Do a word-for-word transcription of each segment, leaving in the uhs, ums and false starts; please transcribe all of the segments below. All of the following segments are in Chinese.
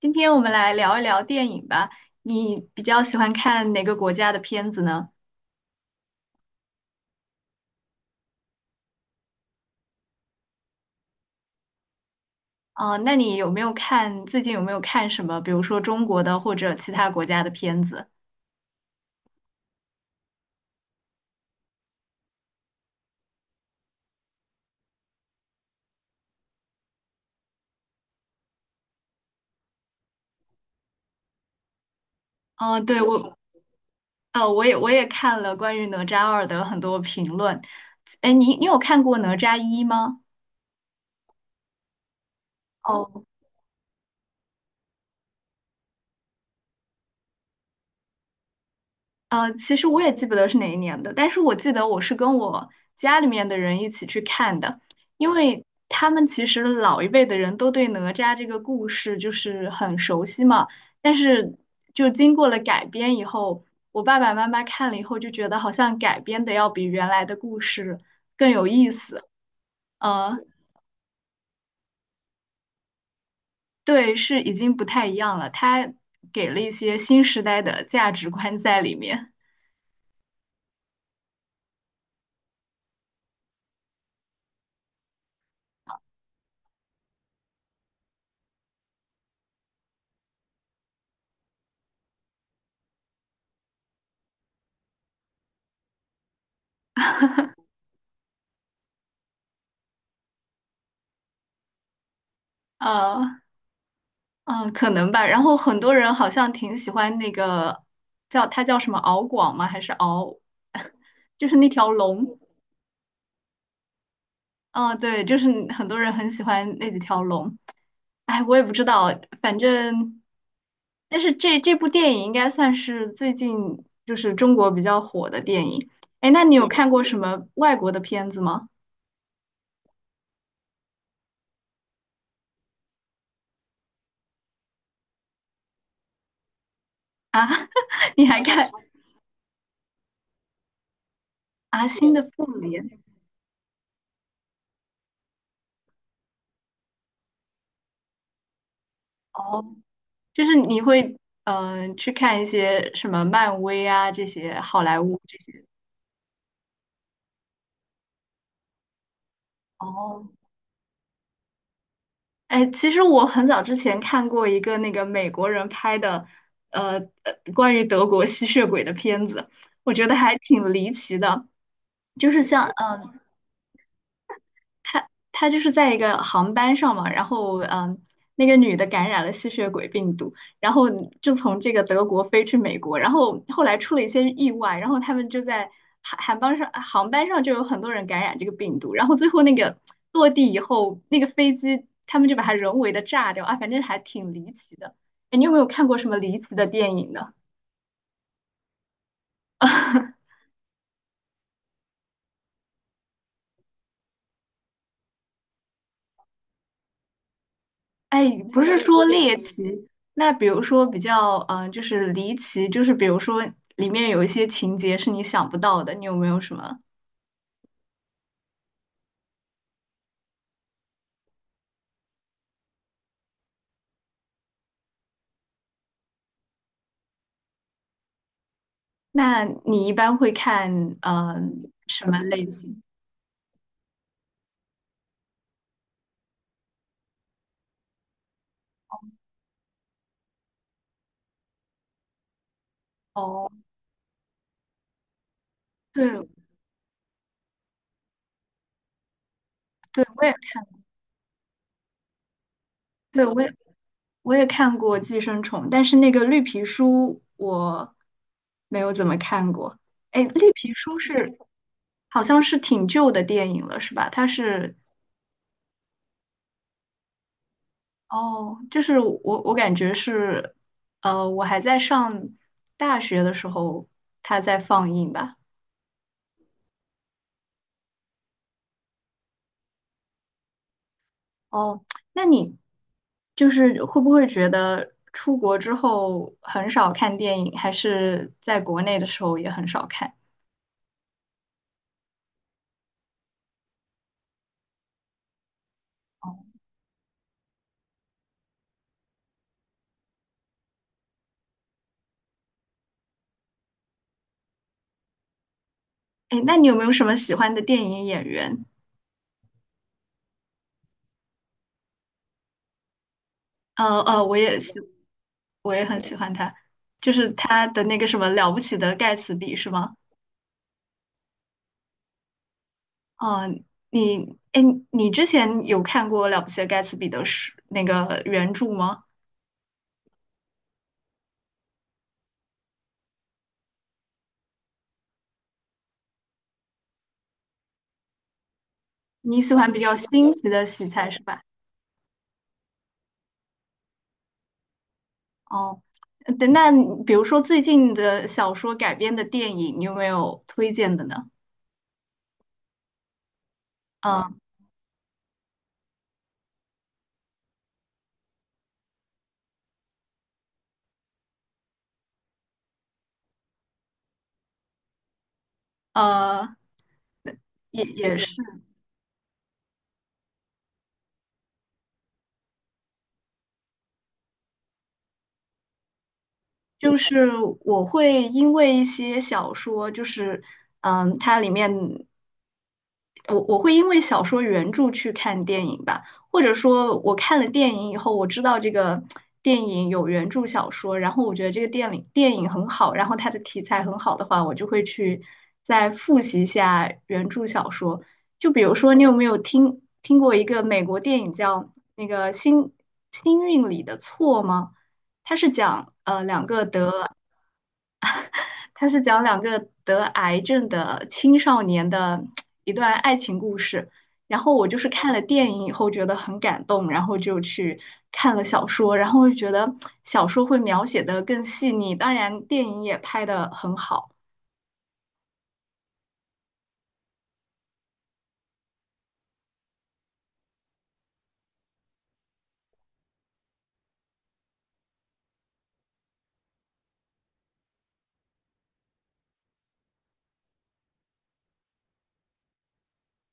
今天我们来聊一聊电影吧。你比较喜欢看哪个国家的片子呢？啊、那你有没有看，最近有没有看什么，比如说中国的或者其他国家的片子？嗯、对，我，呃，我也我也看了关于《哪吒二》的很多评论。哎，你你有看过《哪吒一》吗？哦。呃，其实我也记不得是哪一年的，但是我记得我是跟我家里面的人一起去看的，因为他们其实老一辈的人都对哪吒这个故事就是很熟悉嘛，但是就经过了改编以后，我爸爸妈妈看了以后就觉得好像改编的要比原来的故事更有意思，呃，对，是已经不太一样了，他给了一些新时代的价值观在里面，呃。嗯，可能吧。然后很多人好像挺喜欢那个叫它叫什么敖广吗？还是敖？就是那条龙。嗯，对，就是很多人很喜欢那几条龙。哎，我也不知道，反正，但是这这部电影应该算是最近就是中国比较火的电影。哎，那你有看过什么外国的片子吗？啊，你还看啊？新的复联？哦就是你会嗯、呃去看一些什么漫威啊这些好莱坞这些。哦，哎，其实我很早之前看过一个那个美国人拍的，呃，呃关于德国吸血鬼的片子，我觉得还挺离奇的。就是像嗯、呃他他就是在一个航班上嘛，然后嗯，那个女的感染了吸血鬼病毒，然后就从这个德国飞去美国，然后后来出了一些意外，然后他们就在航航班上航班上就有很多人感染这个病毒，然后最后那个落地以后，那个飞机他们就把它人为的炸掉啊，反正还挺离奇的。哎，你有没有看过什么离奇的电影呢？哎，不是说猎奇，那比如说比较，嗯、就是离奇，就是比如说里面有一些情节是你想不到的，你有没有什么？那你一般会看，嗯、什么类型？哦，对，对，我也，对，我也，我也看过《寄生虫》，但是那个绿皮书我没有怎么看过。哎，绿皮书是好像是挺旧的电影了，是吧？它是哦，就是我我感觉是，呃，我还在上大学的时候，它在放映吧。哦，那你就是会不会觉得出国之后很少看电影，还是在国内的时候也很少看？哎，那你有没有什么喜欢的电影演员？呃呃，我也喜，我也很喜欢他，就是他的那个什么《了不起的盖茨比》是吗？嗯，你，哎，你之前有看过《了不起的盖茨比》的书那个原著吗？你喜欢比较新奇的题材是吧？哦，呃对，那你比如说最近的小说改编的电影，你有没有推荐的呢？嗯，呃，也也是，就是我会因为一些小说，就是嗯，它里面我我会因为小说原著去看电影吧，或者说我看了电影以后，我知道这个电影有原著小说，然后我觉得这个电影电影很好，然后它的题材很好的话，我就会去再复习一下原著小说。就比如说，你有没有听听过一个美国电影叫那个《星星运里的错》吗？它是讲呃两个得它是讲两个得癌症的青少年的一段爱情故事。然后我就是看了电影以后觉得很感动，然后就去看了小说，然后就觉得小说会描写的更细腻，当然电影也拍的很好。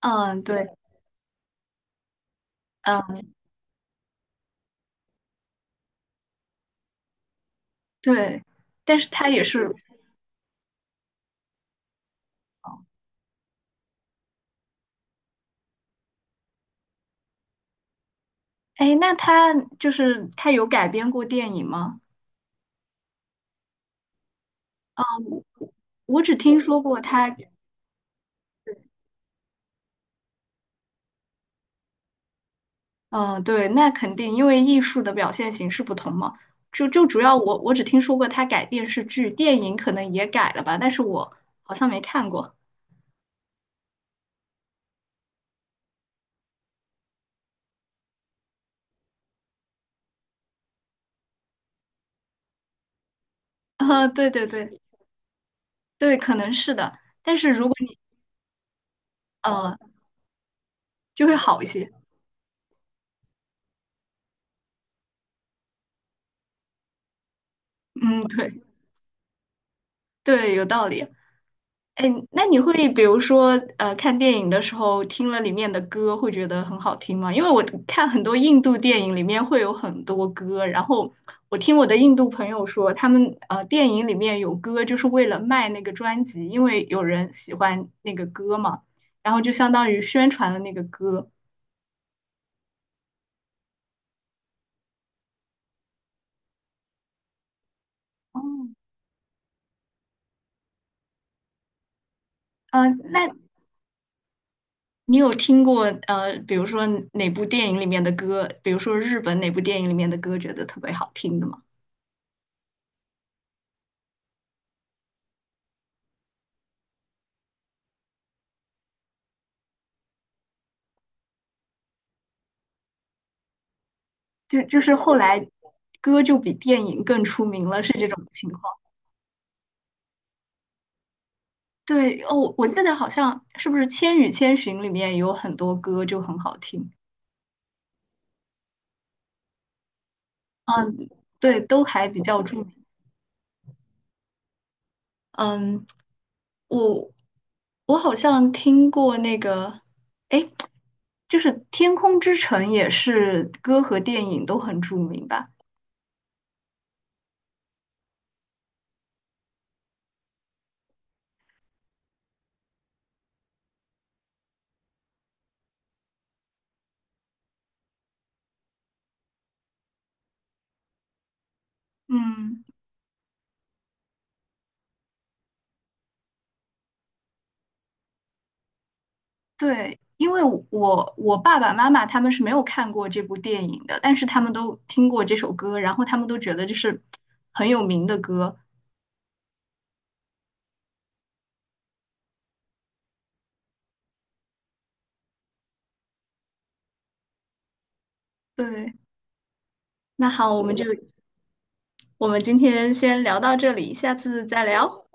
嗯，对，嗯，对，但是它也是，哎，那它就是它有改编过电影吗？嗯，我只听说过它，嗯，对，那肯定，因为艺术的表现形式不同嘛。就就主要我我只听说过他改电视剧，电影可能也改了吧，但是我好像没看过。啊、对对对对，可能是的。但是如果你呃，就会好一些。嗯，对对，有道理。哎，那你会比如说，呃，看电影的时候听了里面的歌，会觉得很好听吗？因为我看很多印度电影里面会有很多歌，然后我听我的印度朋友说，他们呃电影里面有歌就是为了卖那个专辑，因为有人喜欢那个歌嘛，然后就相当于宣传了那个歌。哦，呃，那你有听过呃，比如说哪部电影里面的歌，比如说日本哪部电影里面的歌，觉得特别好听的吗？就就是后来歌就比电影更出名了，是这种情况。对哦，我记得好像是不是《千与千寻》里面有很多歌就很好听，嗯，对，都还比较著名。嗯，我我好像听过那个，哎，就是《天空之城》也是歌和电影都很著名吧？嗯。对，因为我我爸爸妈妈他们是没有看过这部电影的，但是他们都听过这首歌，然后他们都觉得这是很有名的歌。对，那好，我们就我们今天先聊到这里，下次再聊。